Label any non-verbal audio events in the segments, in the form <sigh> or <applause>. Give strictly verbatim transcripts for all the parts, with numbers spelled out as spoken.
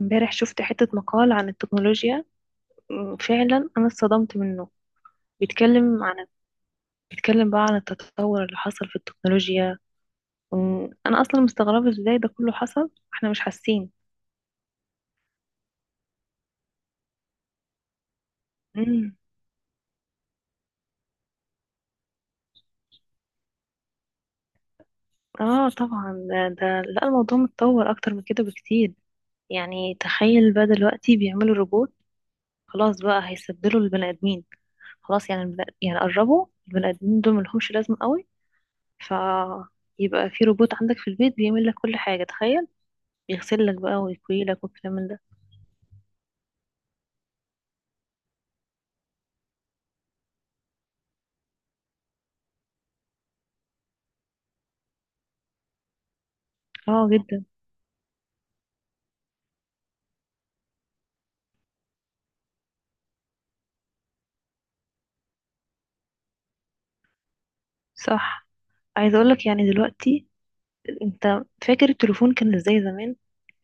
امبارح شفت حتة مقال عن التكنولوجيا. م، فعلا أنا اتصدمت منه. بيتكلم عن بيتكلم بقى عن التطور اللي حصل في التكنولوجيا. م، أنا أصلا مستغربة ازاي ده كله حصل، احنا مش حاسين. مم. اه طبعا، ده, ده، لا، الموضوع متطور أكتر من كده بكتير. يعني تخيل بقى دلوقتي بيعملوا روبوت. خلاص بقى هيستبدلوا البني آدمين. خلاص، يعني البني- يعني قربوا البني آدمين دول ملهمش لازمة قوي. فيبقى في روبوت عندك في البيت بيعمل لك كل حاجة، تخيل. يغسل لك بقى ويكوي لك والكلام من ده. اه جدا. صح. عايزه اقول لك، يعني دلوقتي، انت فاكر التليفون كان ازاي زمان؟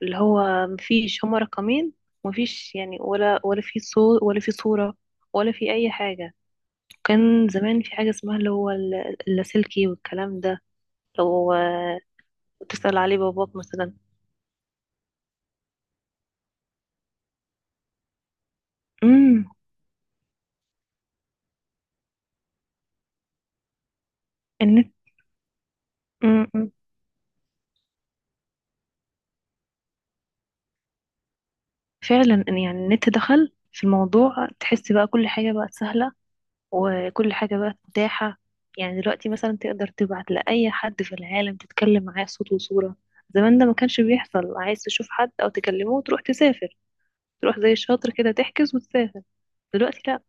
اللي هو مفيش هما رقمين. مفيش يعني ولا ولا في صوت ولا في صورة، ولا في اي حاجة. كان زمان في حاجة اسمها اللي هو ال- اللاسلكي والكلام ده. لو آه، تسأل عليه باباك مثلا. امم النت. امم فعلا، إن يعني النت دخل في الموضوع، تحس بقى كل حاجة بقت سهلة، وكل حاجة بقى متاحة. يعني دلوقتي مثلا تقدر تبعت لأي حد في العالم تتكلم معاه صوت وصورة. زمان ده ما كانش بيحصل. عايز تشوف حد أو تكلمه، وتروح تسافر، تروح زي الشاطر كده تحجز وتسافر. دلوقتي لأ.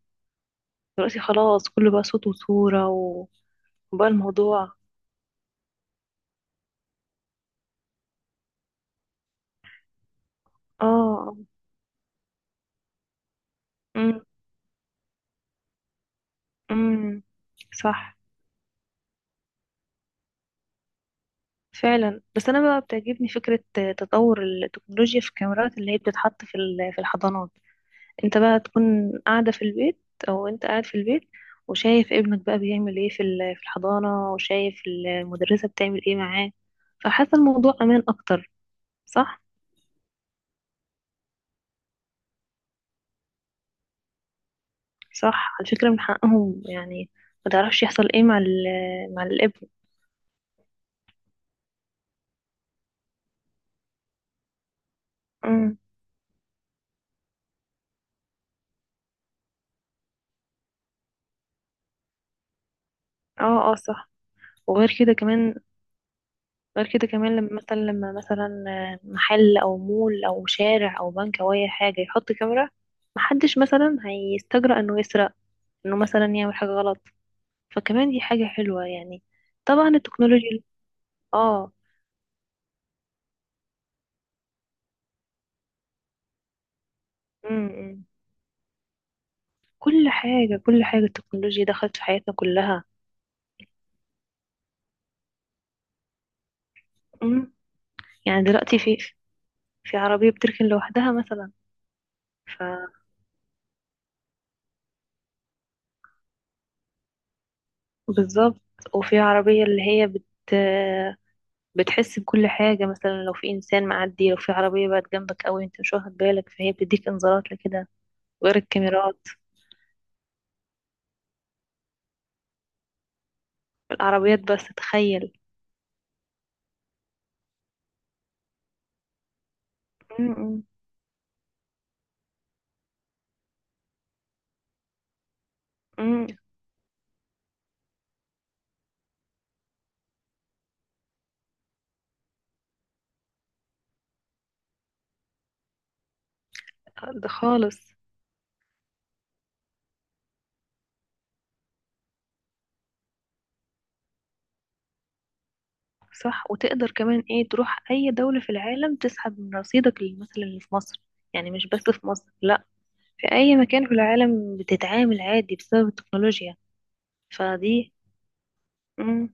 دلوقتي خلاص كله بقى صوت وصورة و- وبقى الموضوع. اه. امم، امم، صح. فعلا، بس أنا بقى بتعجبني فكرة تطور التكنولوجيا في الكاميرات اللي هي بتتحط في ال- في الحضانات. انت بقى تكون قاعدة في البيت، او انت قاعد في البيت، وشايف ابنك بقى بيعمل ايه في ال- في الحضانة، وشايف المدرسة بتعمل ايه معاه. فحاسة الموضوع امان اكتر. صح. صح، على فكرة من حقهم يعني. ما تعرفش يحصل ايه مع ال مع الابن. امم اه اه، صح. وغير كده كمان. غير كده كمان، لما مثلا، لما مثلا محل او مول او شارع او بنك او اي حاجة يحط كاميرا، محدش مثلا هيستجرأ انه يسرق، انه مثلا يعمل حاجة غلط. فكمان دي حاجة حلوة يعني. طبعا التكنولوجيا. اه. امم كل حاجة، كل حاجة التكنولوجيا دخلت في حياتنا كلها. امم يعني دلوقتي في، في عربية بتركن لوحدها مثلا. ف. بالظبط. وفي عربية اللي هي بت بتحس بكل حاجة، مثلا لو في إنسان معدي، لو في عربية بقت جنبك أوي أنت مش واخد بالك، فهي بتديك إنذارات لكده. غير الكاميرات. العربيات بس تخيل. امم امم ده خالص. صح. وتقدر كمان ايه تروح اي دولة في العالم تسحب من رصيدك اللي- مثلا اللي في مصر. يعني مش بس في مصر، لا، في اي مكان في العالم بتتعامل عادي بسبب التكنولوجيا. فدي. امم،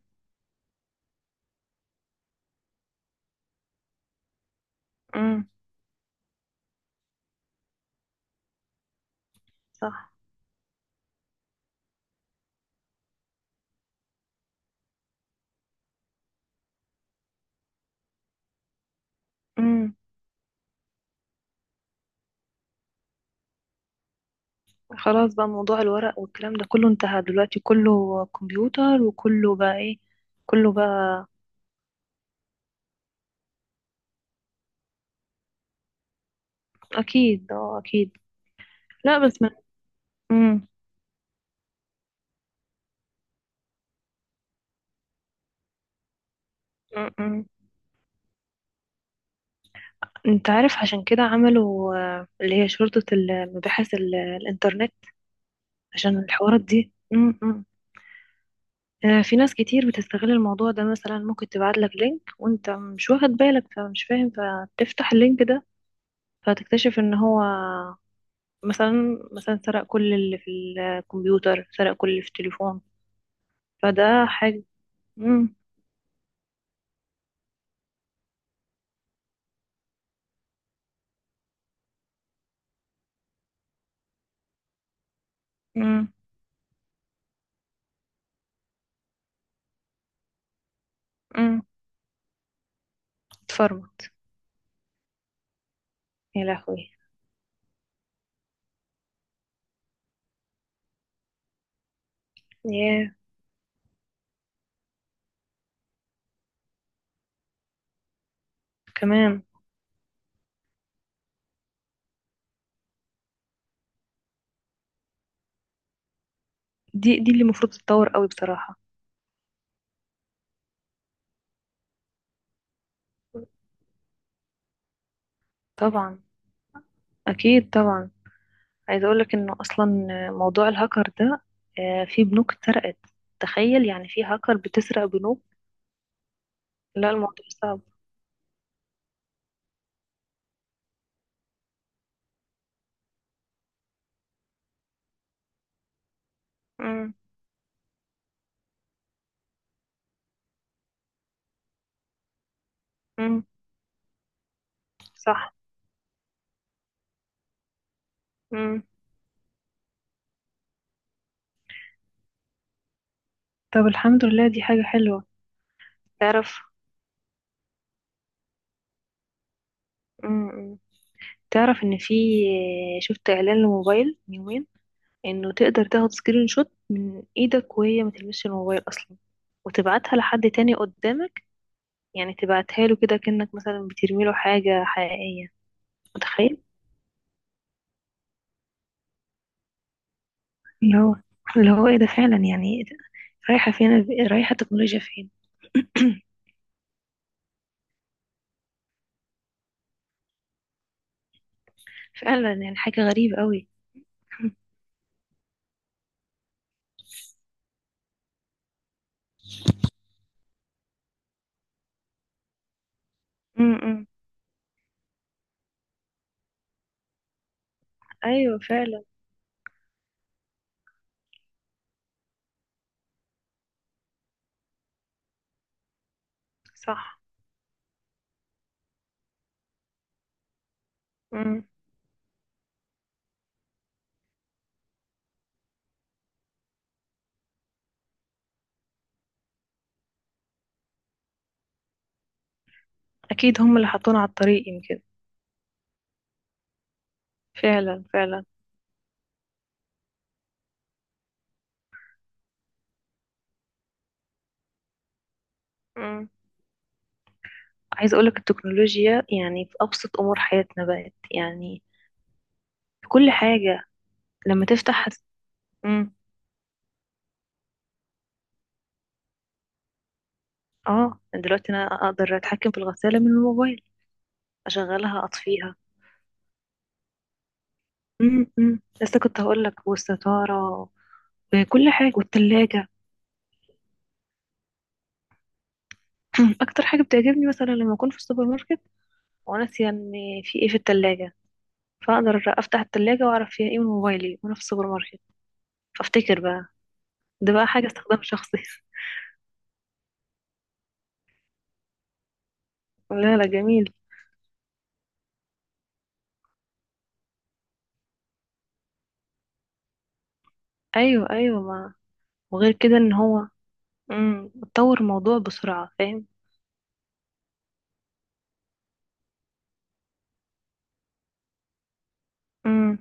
امم، صح. امم خلاص بقى موضوع الورق والكلام ده كله انتهى دلوقتي، كله كمبيوتر وكله بقى ايه، كله بقى. اكيد، اه، اكيد. لا بس ما. امم امم إمم. انت عارف عشان كده عملوا آه، اللي هي شرطة المباحث ال- الانترنت. عشان الحوارات دي. امم أمم. آه، في ناس كتير بتستغل الموضوع ده، مثلا ممكن تبعت لك لينك وانت مش واخد بالك، فمش فاهم، فتفتح اللينك ده، فتكتشف ان هو مثلا مثلا سرق كل اللي في الكمبيوتر، سرق كل اللي في التليفون. فده حاجة. امم امم امم اتفرمت. يا لهوي. ياه. كمان، دي دي اللي المفروض تتطور قوي بصراحة. طبعا. اكيد طبعا. عايزة اقولك انه اصلا موضوع الهاكر ده، آه، في بنوك اتسرقت. تخيل يعني في هاكر بتسرق بنوك. لا، الموضوع صعب. امم، امم، صح. امم طب الحمد لله، دي حاجة حلوة. تعرف. امم تعرف ان في، آه، شفت اعلان لموبايل من يومين، انه تقدر تاخد سكرين شوت من ايدك وهي ما تلمسش الموبايل اصلا، وتبعتها لحد تاني قدامك. يعني تبعتها له كده كأنك مثلا بترمي له حاجة حقيقية. متخيل. اللي هو اللي هو ايه ده فعلا يعني. رايحة فين. رايحة التكنولوجيا فين. <clears throat> فعلا يعني حاجة غريبة قوي. امم ايوه فعلا. صح. امم اكيد هم اللي حطونا على الطريق يمكن. فعلا فعلا. امم عايزة اقولك التكنولوجيا يعني في ابسط امور حياتنا بقت يعني. في كل حاجة. لما تفتح. امم اه، دلوقتي انا اقدر اتحكم في الغسالة من الموبايل، اشغلها اطفيها. امم لسه كنت هقولك والستارة وكل حاجة والتلاجة. <clears throat> مم. اكتر حاجه بتعجبني مثلا لما اكون في السوبر ماركت وناسيه ان في ايه في التلاجة، فاقدر افتح التلاجة واعرف فيها ايه من موبايلي وانا في السوبر ماركت، فافتكر بقى. ده بقى حاجه استخدام شخصي. <laughs> لا لا، جميل. ايوه ايوه، ما. وغير كده ان هو. امم اتطور الموضوع بسرعه، فاهم. امم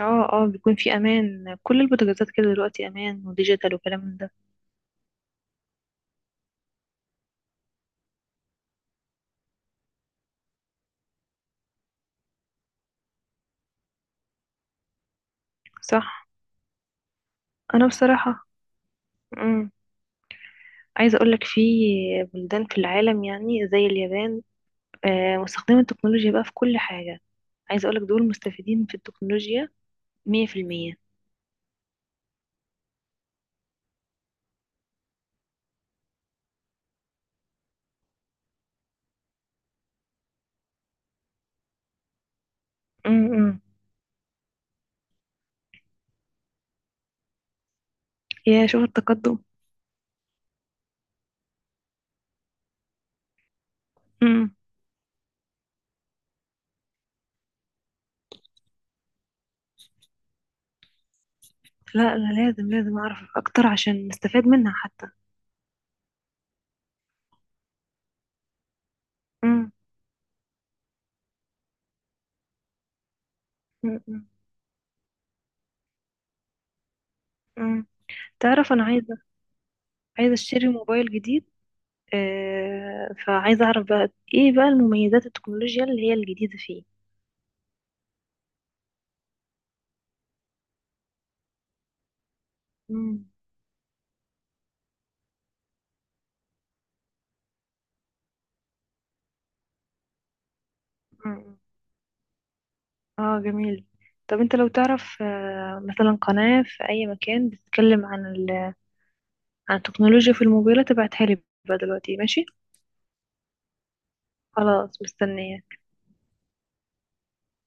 اه اه، بيكون في امان، كل البوتاجازات كده دلوقتي امان وديجيتال وكلام من ده. صح. انا بصراحه. امم عايزه اقولك في بلدان في العالم، يعني زي اليابان، آه، مستخدمين التكنولوجيا بقى في كل حاجة. عايزة أقولك دول مستفيدين في التكنولوجيا مية في المية. أمم. يا شوف التقدم. أمم. لا، أنا لازم لازم أعرف أكتر عشان نستفاد منها حتى. أمم. أمم. أمم. تعرف أنا عايزة، عايزة أشتري موبايل جديد. آه، فعايزة أعرف بقى إيه بقى المميزات التكنولوجيا اللي هي الجديدة فيه. أمم. أمم. آه جميل. طب أنت لو تعرف، آه، مثلا قناة في أي مكان بتتكلم عن على التكنولوجيا في الموبايلات، ابعتها لي بقى دلوقتي، ماشي؟ خلاص مستنية.